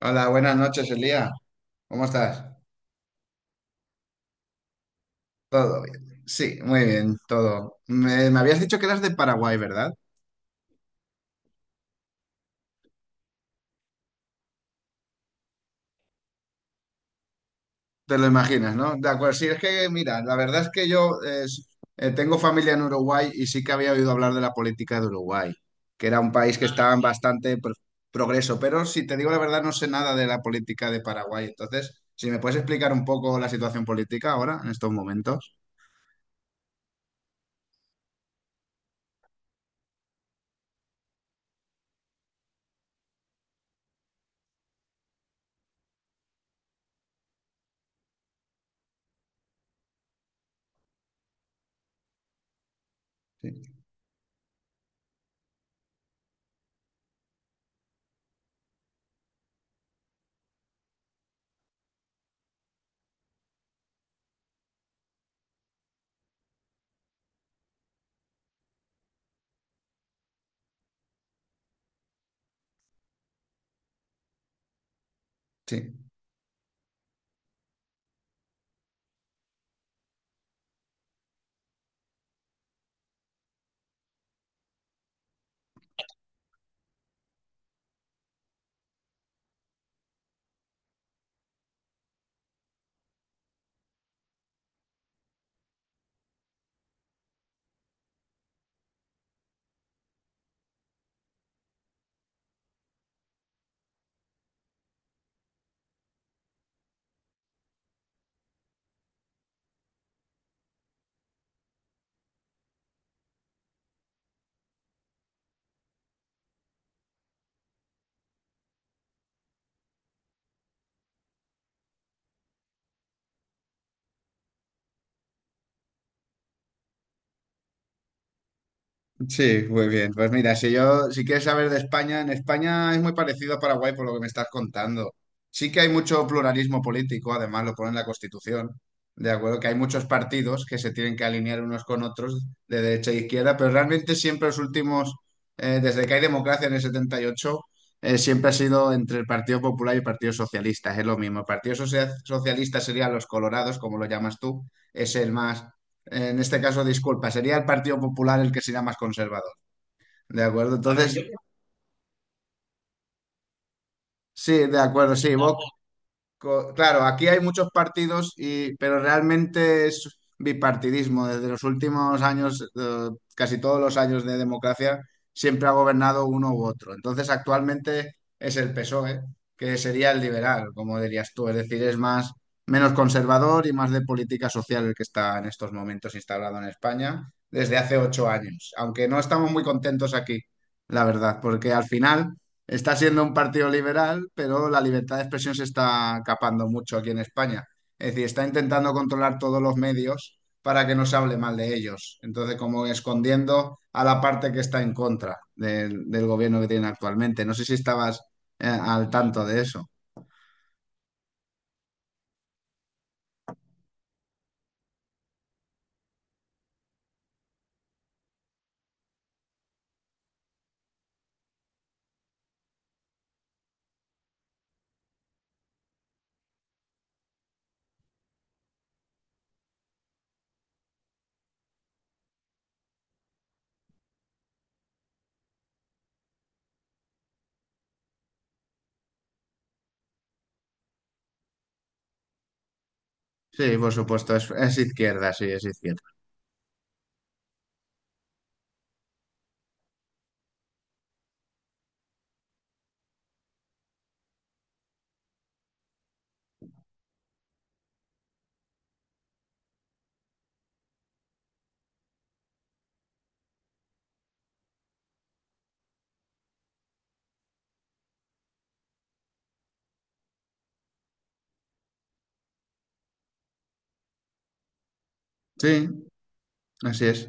Hola, buenas noches, Elía. ¿Cómo estás? Todo bien. Sí, muy bien, todo. Me habías dicho que eras de Paraguay, ¿verdad? Te lo imaginas, ¿no? De acuerdo, sí, es que, mira, la verdad es que yo tengo familia en Uruguay y sí que había oído hablar de la política de Uruguay, que era un país que estaba en progreso, pero si te digo la verdad, no sé nada de la política de Paraguay. Entonces, si me puedes explicar un poco la situación política ahora, en estos momentos. Sí. Sí. Sí, muy bien. Pues mira, si yo, si quieres saber de España, en España es muy parecido a Paraguay por lo que me estás contando. Sí que hay mucho pluralismo político, además lo pone en la Constitución, de acuerdo, que hay muchos partidos que se tienen que alinear unos con otros de derecha e izquierda, pero realmente siempre los últimos, desde que hay democracia en el 78, siempre ha sido entre el Partido Popular y el Partido Socialista, es lo mismo. El Partido Socialista serían los colorados, como lo llamas tú, es el más, en este caso, disculpa, sería el Partido Popular el que sería más conservador. ¿De acuerdo? Entonces, sí, de acuerdo, sí, no, Vox. Claro, aquí hay muchos partidos, y, pero realmente es bipartidismo. Desde los últimos años, casi todos los años de democracia, siempre ha gobernado uno u otro. Entonces, actualmente es el PSOE, que sería el liberal, como dirías tú. Es decir, es más, menos conservador y más de política social el que está en estos momentos instalado en España desde hace 8 años. Aunque no estamos muy contentos aquí, la verdad, porque al final… Está siendo un partido liberal, pero la libertad de expresión se está capando mucho aquí en España. Es decir, está intentando controlar todos los medios para que no se hable mal de ellos. Entonces, como escondiendo a la parte que está en contra del, del gobierno que tienen actualmente. No sé si estabas al tanto de eso. Sí, por supuesto, es izquierda. Sí, así es.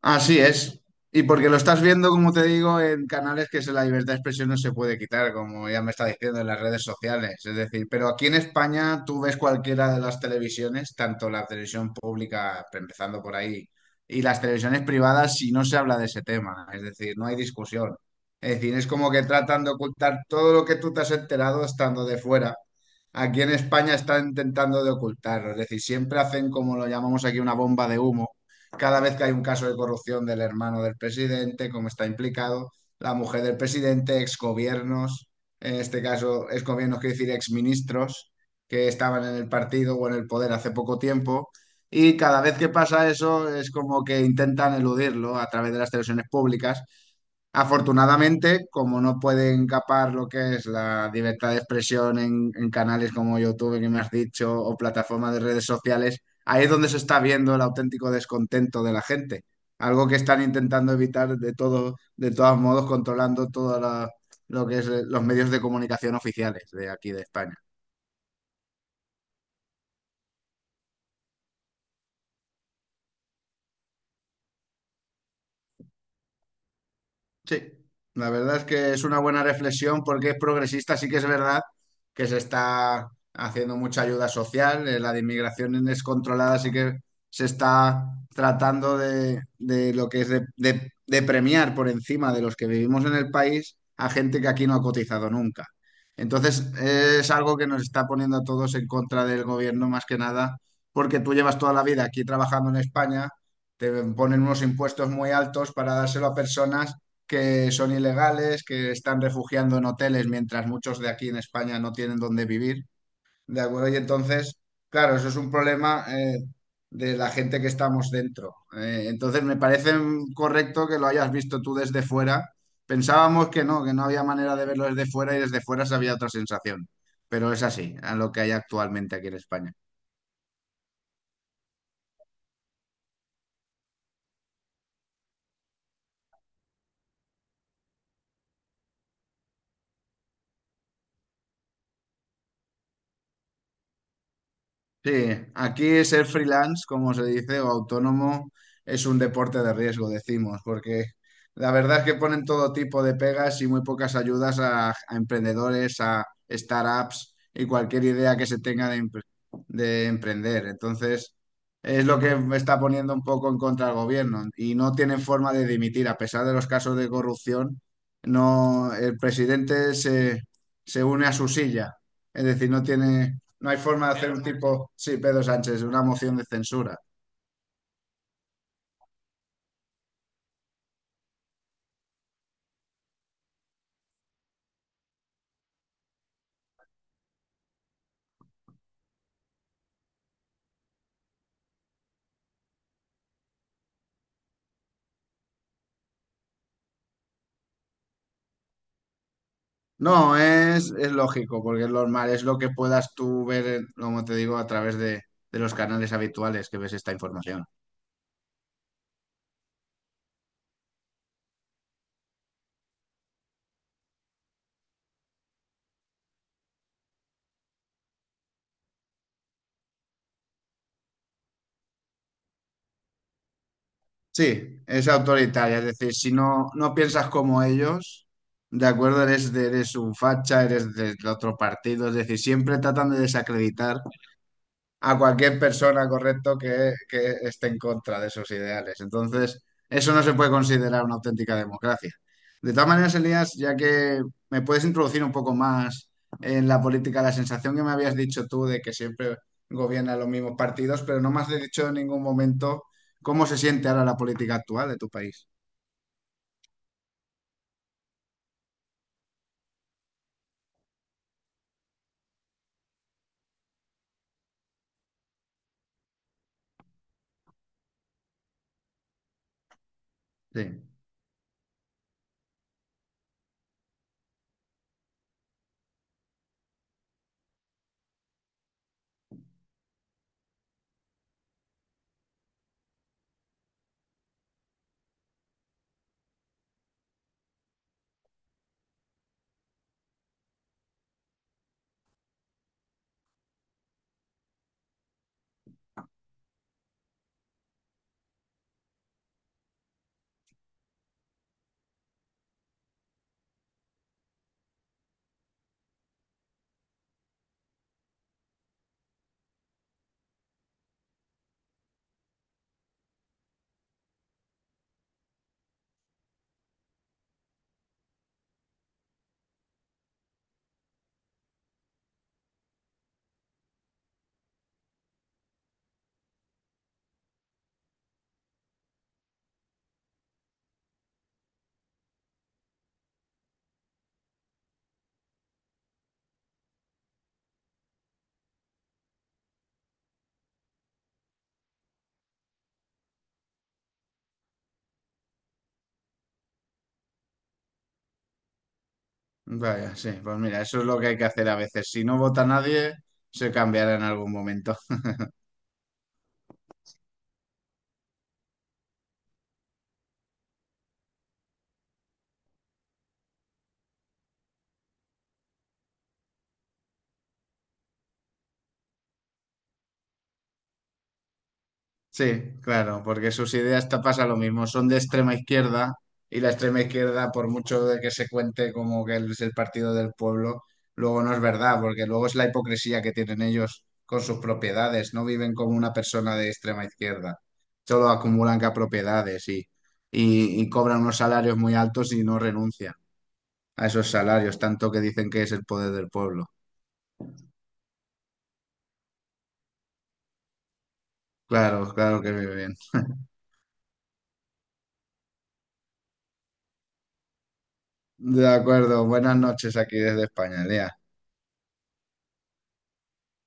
Así es. Y porque lo estás viendo, como te digo, en canales que se- la libertad de expresión no se puede quitar, como ya me está diciendo en las redes sociales. Es decir, pero aquí en España tú ves cualquiera de las televisiones, tanto la televisión pública, empezando por ahí, y las televisiones privadas, si no se habla de ese tema. Es decir, no hay discusión. Es decir, es como que tratan de ocultar todo lo que tú te has enterado estando de fuera. Aquí en España están intentando de ocultarlo. Es decir, siempre hacen como lo llamamos aquí una bomba de humo cada vez que hay un caso de corrupción del hermano del presidente, como está implicado, la mujer del presidente, exgobiernos, en este caso exgobiernos quiere decir exministros que estaban en el partido o en el poder hace poco tiempo. Y cada vez que pasa eso es como que intentan eludirlo a través de las televisiones públicas. Afortunadamente, como no pueden capar lo que es la libertad de expresión en canales como YouTube, que me has dicho, o plataformas de redes sociales, ahí es donde se está viendo el auténtico descontento de la gente. Algo que están intentando evitar de todo, de todos modos, controlando todo lo que es los medios de comunicación oficiales de aquí de España. Sí, la verdad es que es una buena reflexión porque es progresista, sí que es verdad que se está haciendo mucha ayuda social, la de inmigración descontrolada sí que se está tratando de lo que es de, de premiar por encima de los que vivimos en el país a gente que aquí no ha cotizado nunca. Entonces es algo que nos está poniendo a todos en contra del gobierno más que nada porque tú llevas toda la vida aquí trabajando en España, te ponen unos impuestos muy altos para dárselo a personas que son ilegales, que están refugiando en hoteles mientras muchos de aquí en España no tienen dónde vivir, ¿de acuerdo? Y entonces, claro, eso es un problema de la gente que estamos dentro. Entonces, me parece correcto que lo hayas visto tú desde fuera. Pensábamos que no había manera de verlo desde fuera y desde fuera se había otra sensación, pero es así, a lo que hay actualmente aquí en España. Sí, aquí ser freelance, como se dice, o autónomo, es un deporte de riesgo, decimos, porque la verdad es que ponen todo tipo de pegas y muy pocas ayudas a emprendedores, a startups y cualquier idea que se tenga de, de emprender. Entonces, es lo que me está poniendo un poco en contra el gobierno y no tienen forma de dimitir, a pesar de los casos de corrupción, no, el presidente se, se une a su silla, es decir, no tiene… No hay forma de hacer Pedro un Sánchez. Tipo, sí, Pedro Sánchez, una moción de censura. No, es lógico, porque es normal, es lo que puedas tú ver, como te digo, a través de los canales habituales que ves esta información. Sí, es autoritaria, es decir, si no, no piensas como ellos, de acuerdo, eres de, eres un facha, eres del otro partido, es decir, siempre tratan de desacreditar a cualquier persona, correcto, que esté en contra de esos ideales. Entonces, eso no se puede considerar una auténtica democracia. De todas maneras, Elías, ya que me puedes introducir un poco más en la política, la sensación que me habías dicho tú de que siempre gobiernan los mismos partidos, pero no me has dicho en ningún momento cómo se siente ahora la política actual de tu país. Sí, vaya, sí, pues mira, eso es lo que hay que hacer a veces. Si no vota nadie, se cambiará en algún momento. Sí, claro, porque sus ideas te pasa lo mismo, son de extrema izquierda y la extrema izquierda, por mucho de que se cuente como que es el partido del pueblo, luego no es verdad, porque luego es la hipocresía que tienen ellos con sus propiedades, no viven como una persona de extrema izquierda, solo acumulan propiedades y, y cobran unos salarios muy altos y no renuncian a esos salarios, tanto que dicen que es el poder del pueblo. Claro, claro que viven. De acuerdo, buenas noches aquí desde España, Lea.